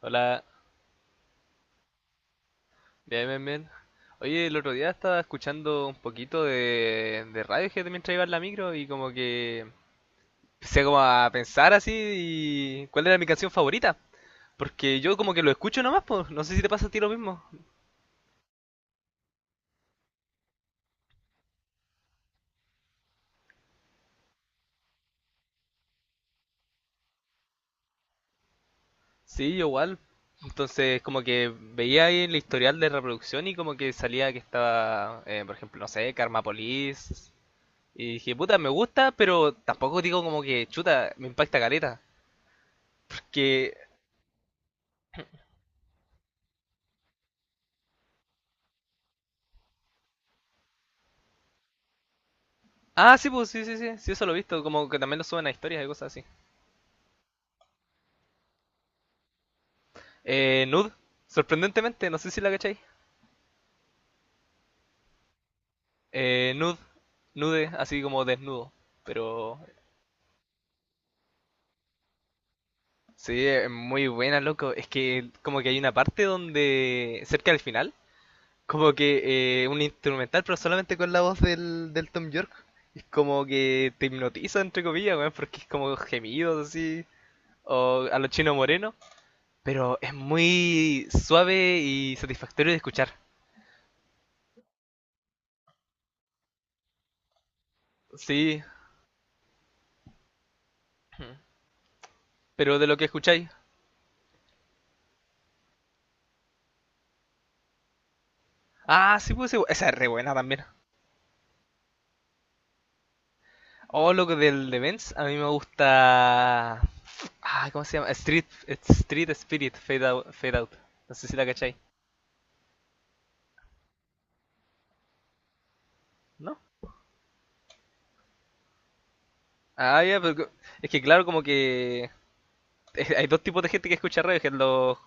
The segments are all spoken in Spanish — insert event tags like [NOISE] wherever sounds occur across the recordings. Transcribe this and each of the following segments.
Hola, bien, bien, bien. Oye, el otro día estaba escuchando un poquito de Radiohead mientras iba en la micro y como que empecé como a pensar así y cuál era mi canción favorita. Porque yo como que lo escucho nomás, pues no sé si te pasa a ti lo mismo. Sí, yo igual. Entonces como que veía ahí el historial de reproducción y como que salía que estaba, por ejemplo, no sé, Karma Police. Y dije, puta, me gusta, pero tampoco digo como que, chuta, me impacta careta. Porque Ah, sí, pues, sí, sí, sí, sí, eso lo he visto, como que también lo suben a historias y cosas así. Nude, sorprendentemente, no sé si la cacháis. Nude, nude, así como desnudo. Pero sí, es muy buena, loco. Es que como que hay una parte donde, cerca del final, como que un instrumental, pero solamente con la voz del Tom York. Es como que te hipnotiza, entre comillas, weón, porque es como gemidos así, o a los chinos morenos. Pero es muy suave y satisfactorio de escuchar. Sí, pero de lo que escucháis. Ah, sí, pues, esa es re buena también. Oh, lo que del de Benz, a mí me gusta. Ah, ¿cómo se llama? Street Spirit, Fade Out. No sé si la cacháis, ¿no? Ah, ya, es que claro, como que hay dos tipos de gente que escucha radio, que es los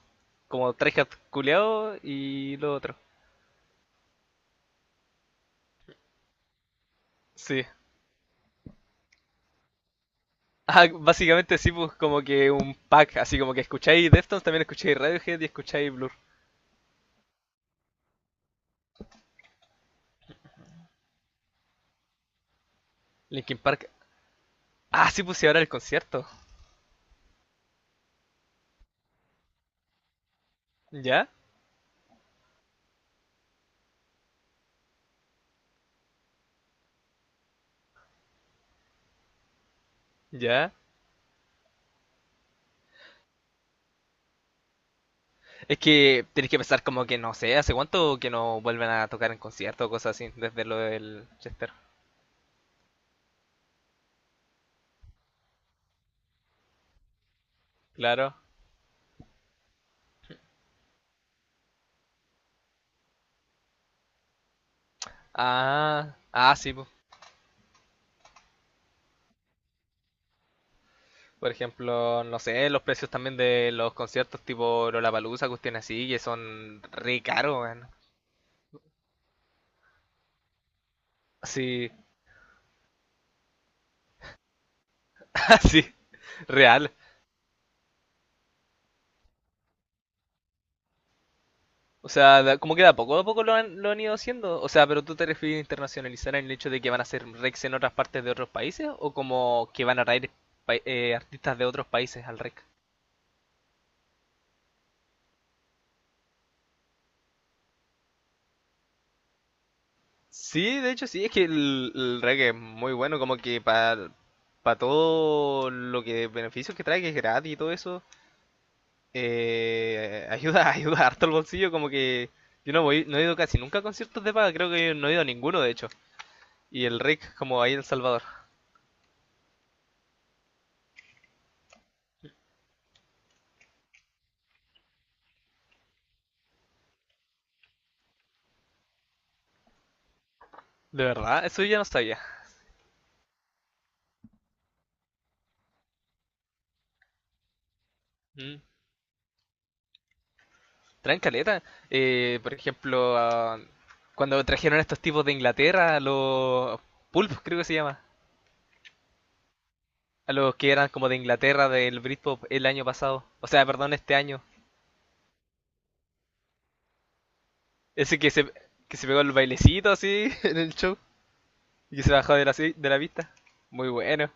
como tryhard culeados y lo otro. Sí. Ah, básicamente sí, pues como que un pack, así como que escucháis Deftones, también escucháis Radiohead y escucháis Blur. Linkin Park. Ah, sí, pues y ahora el concierto. ¿Ya? ¿Ya? Es que tenés que pensar como que no sé, ¿hace cuánto que no vuelven a tocar en concierto o cosas así? Desde lo del Chester. Claro. Ah, sí, po. Por ejemplo, no sé, los precios también de los conciertos tipo Lollapalooza, cuestiones así, que son re caros, weón. Sí, [LAUGHS] así, real. O sea, como que de a poco lo han ido haciendo. O sea, pero tú te refieres a internacionalizar en el hecho de que van a hacer Rex en otras partes de otros países o como que van a traer artistas de otros países al Rex. Sí, de hecho sí, es que el reggae es muy bueno, como que para todo lo que beneficios que trae, que es gratis y todo eso, ayuda, [LAUGHS] ayuda harto al bolsillo, como que yo no voy, no he ido casi nunca a conciertos de paga, creo que no he ido a ninguno de hecho. Y el RIC como ahí en El Salvador. De verdad, eso yo no sabía. Mm. Traen caleta. Por ejemplo, cuando trajeron a estos tipos de Inglaterra, a los Pulp, creo que se llama. A los que eran como de Inglaterra del Britpop el año pasado. O sea, perdón, este año. Ese que se pegó el bailecito así [LAUGHS] en el show y que se bajó de la, de la pista. Muy bueno.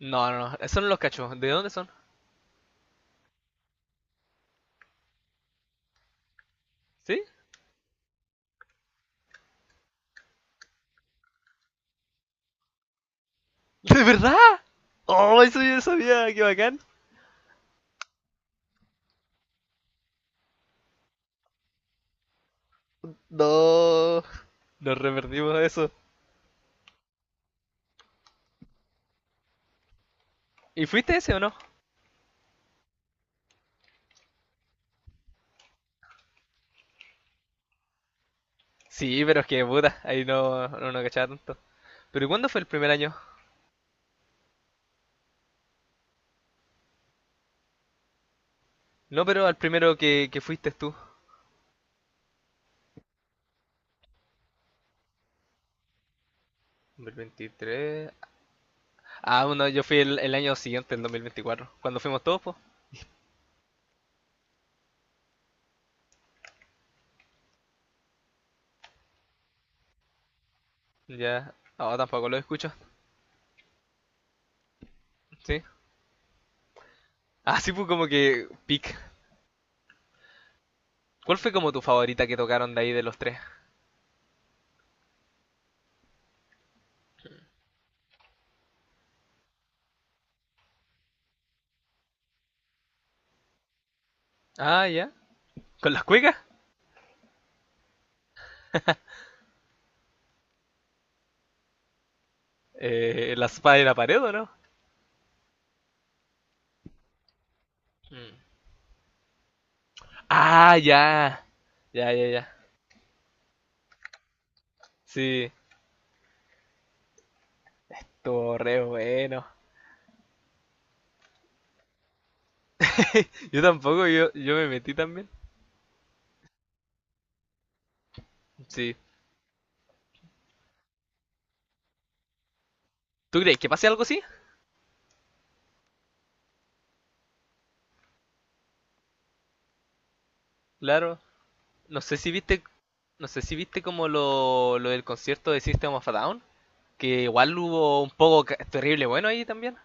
No, no, no, son los cachos. ¿De dónde son? ¿Sí? [LAUGHS] ¿De verdad? Oh, eso yo no sabía, qué bacán. No, nos revertimos eso. ¿Y fuiste ese o no? Sí, pero es que puta, ahí no, no, no cachaba tanto. ¿Pero cuándo fue el primer año? No, pero al primero que fuiste tú. 2023. Ah, bueno, yo fui el año siguiente, el 2024. Cuando fuimos todos, pues. Ya. Ahora tampoco lo escucho. Sí. Ah, sí, pues como que. Pic. ¿Cuál fue como tu favorita que tocaron de ahí de los tres? Ah, ya. ¿Con las cuecas? ¿La espada de la pared o no? Ah, ya. Ya, ya, ya. Sí. Estuvo re bueno. Yo tampoco, yo me metí también. Sí. ¿Tú crees que pase algo así? Claro. No sé si viste, no sé si viste como lo del concierto de System of a Down, que igual hubo un poco terrible bueno ahí también.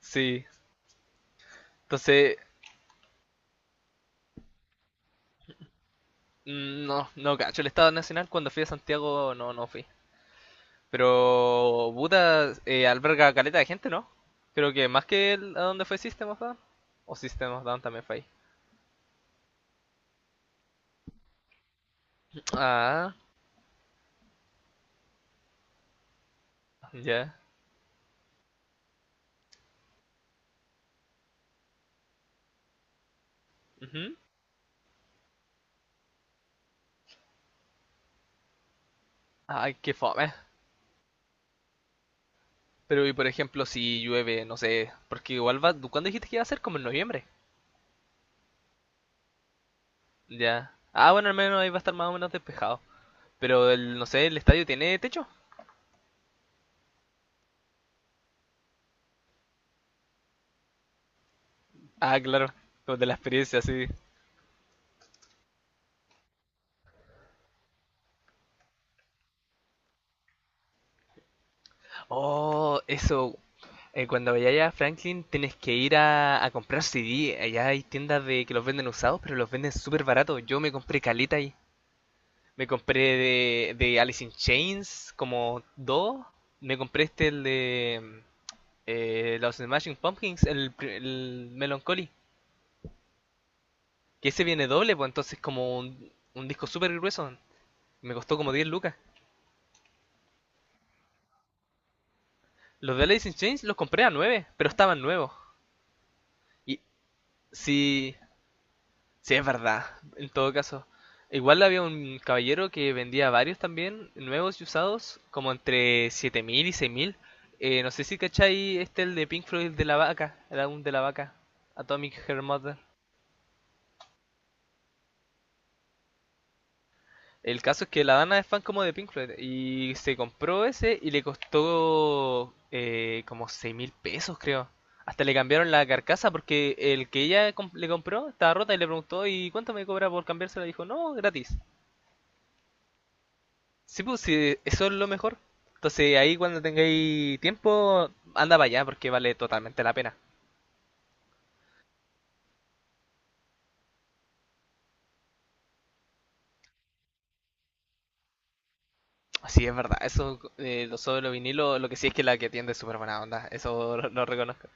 Sí. Entonces, no, no cacho el Estado Nacional cuando fui a Santiago no fui. Pero Buda alberga caleta de gente, ¿no? Creo que más que a donde fue System of a Down. O System of a Down también fue ahí. Ah, ya. Ujú. Ay, qué fome. Pero y por ejemplo si llueve, no sé, porque igual va, ¿cuándo dijiste que iba a ser? Como en noviembre. Ya. Ah, bueno, al menos ahí va a estar más o menos despejado. Pero el, no sé, el estadio tiene techo. Ah, claro, como de la experiencia, sí. Oh, eso. Cuando vayas a Franklin tienes que ir a comprar CD. Allá hay tiendas de que los venden usados, pero los venden súper baratos. Yo me compré caleta ahí. Me compré de Alice in Chains como dos. Me compré este, el de los Smashing Pumpkins, el Melancholy. Que ese viene doble, pues entonces como un disco súper grueso. Me costó como 10 lucas. Los de Alice in Chains los compré a 9 pero estaban nuevos. Y si Sí, es verdad, en todo caso. Igual había un caballero que vendía varios también, nuevos y usados, como entre 7.000 y 6.000. No sé si cachai este el de Pink Floyd el de la vaca, el álbum de la vaca, Atomic Her Mother. El caso es que la Dana es fan como de Pink Floyd y se compró ese y le costó como 6.000 pesos, creo. Hasta le cambiaron la carcasa porque el que ella le compró estaba rota y le preguntó, ¿y cuánto me cobra por cambiársela? Dijo, no, gratis. Sí, pues sí, eso es lo mejor. Entonces ahí cuando tengáis tiempo, anda para allá porque vale totalmente la pena. Sí, es verdad, eso, lo sobre los vinilos, lo que sí es que la que tiende es súper buena onda, eso lo reconozco.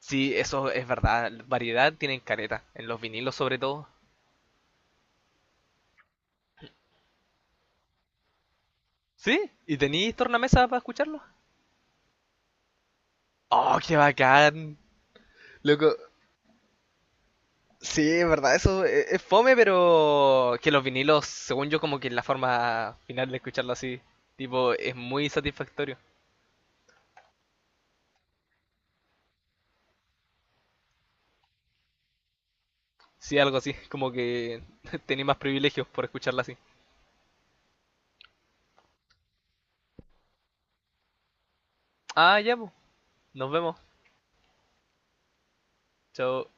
Sí, eso es verdad, variedad tienen careta, en los vinilos sobre todo. ¿Sí? ¿Y tenéis tornamesa para escucharlo? ¡Oh, qué bacán! Loco, sí, es verdad, eso es fome, pero que los vinilos, según yo, como que la forma final de escucharlo así, tipo, es muy satisfactorio. Sí, algo así. Como que [LAUGHS] tenía más privilegios por escucharla así. Ah, ya, pues. Nos vemos. Chao.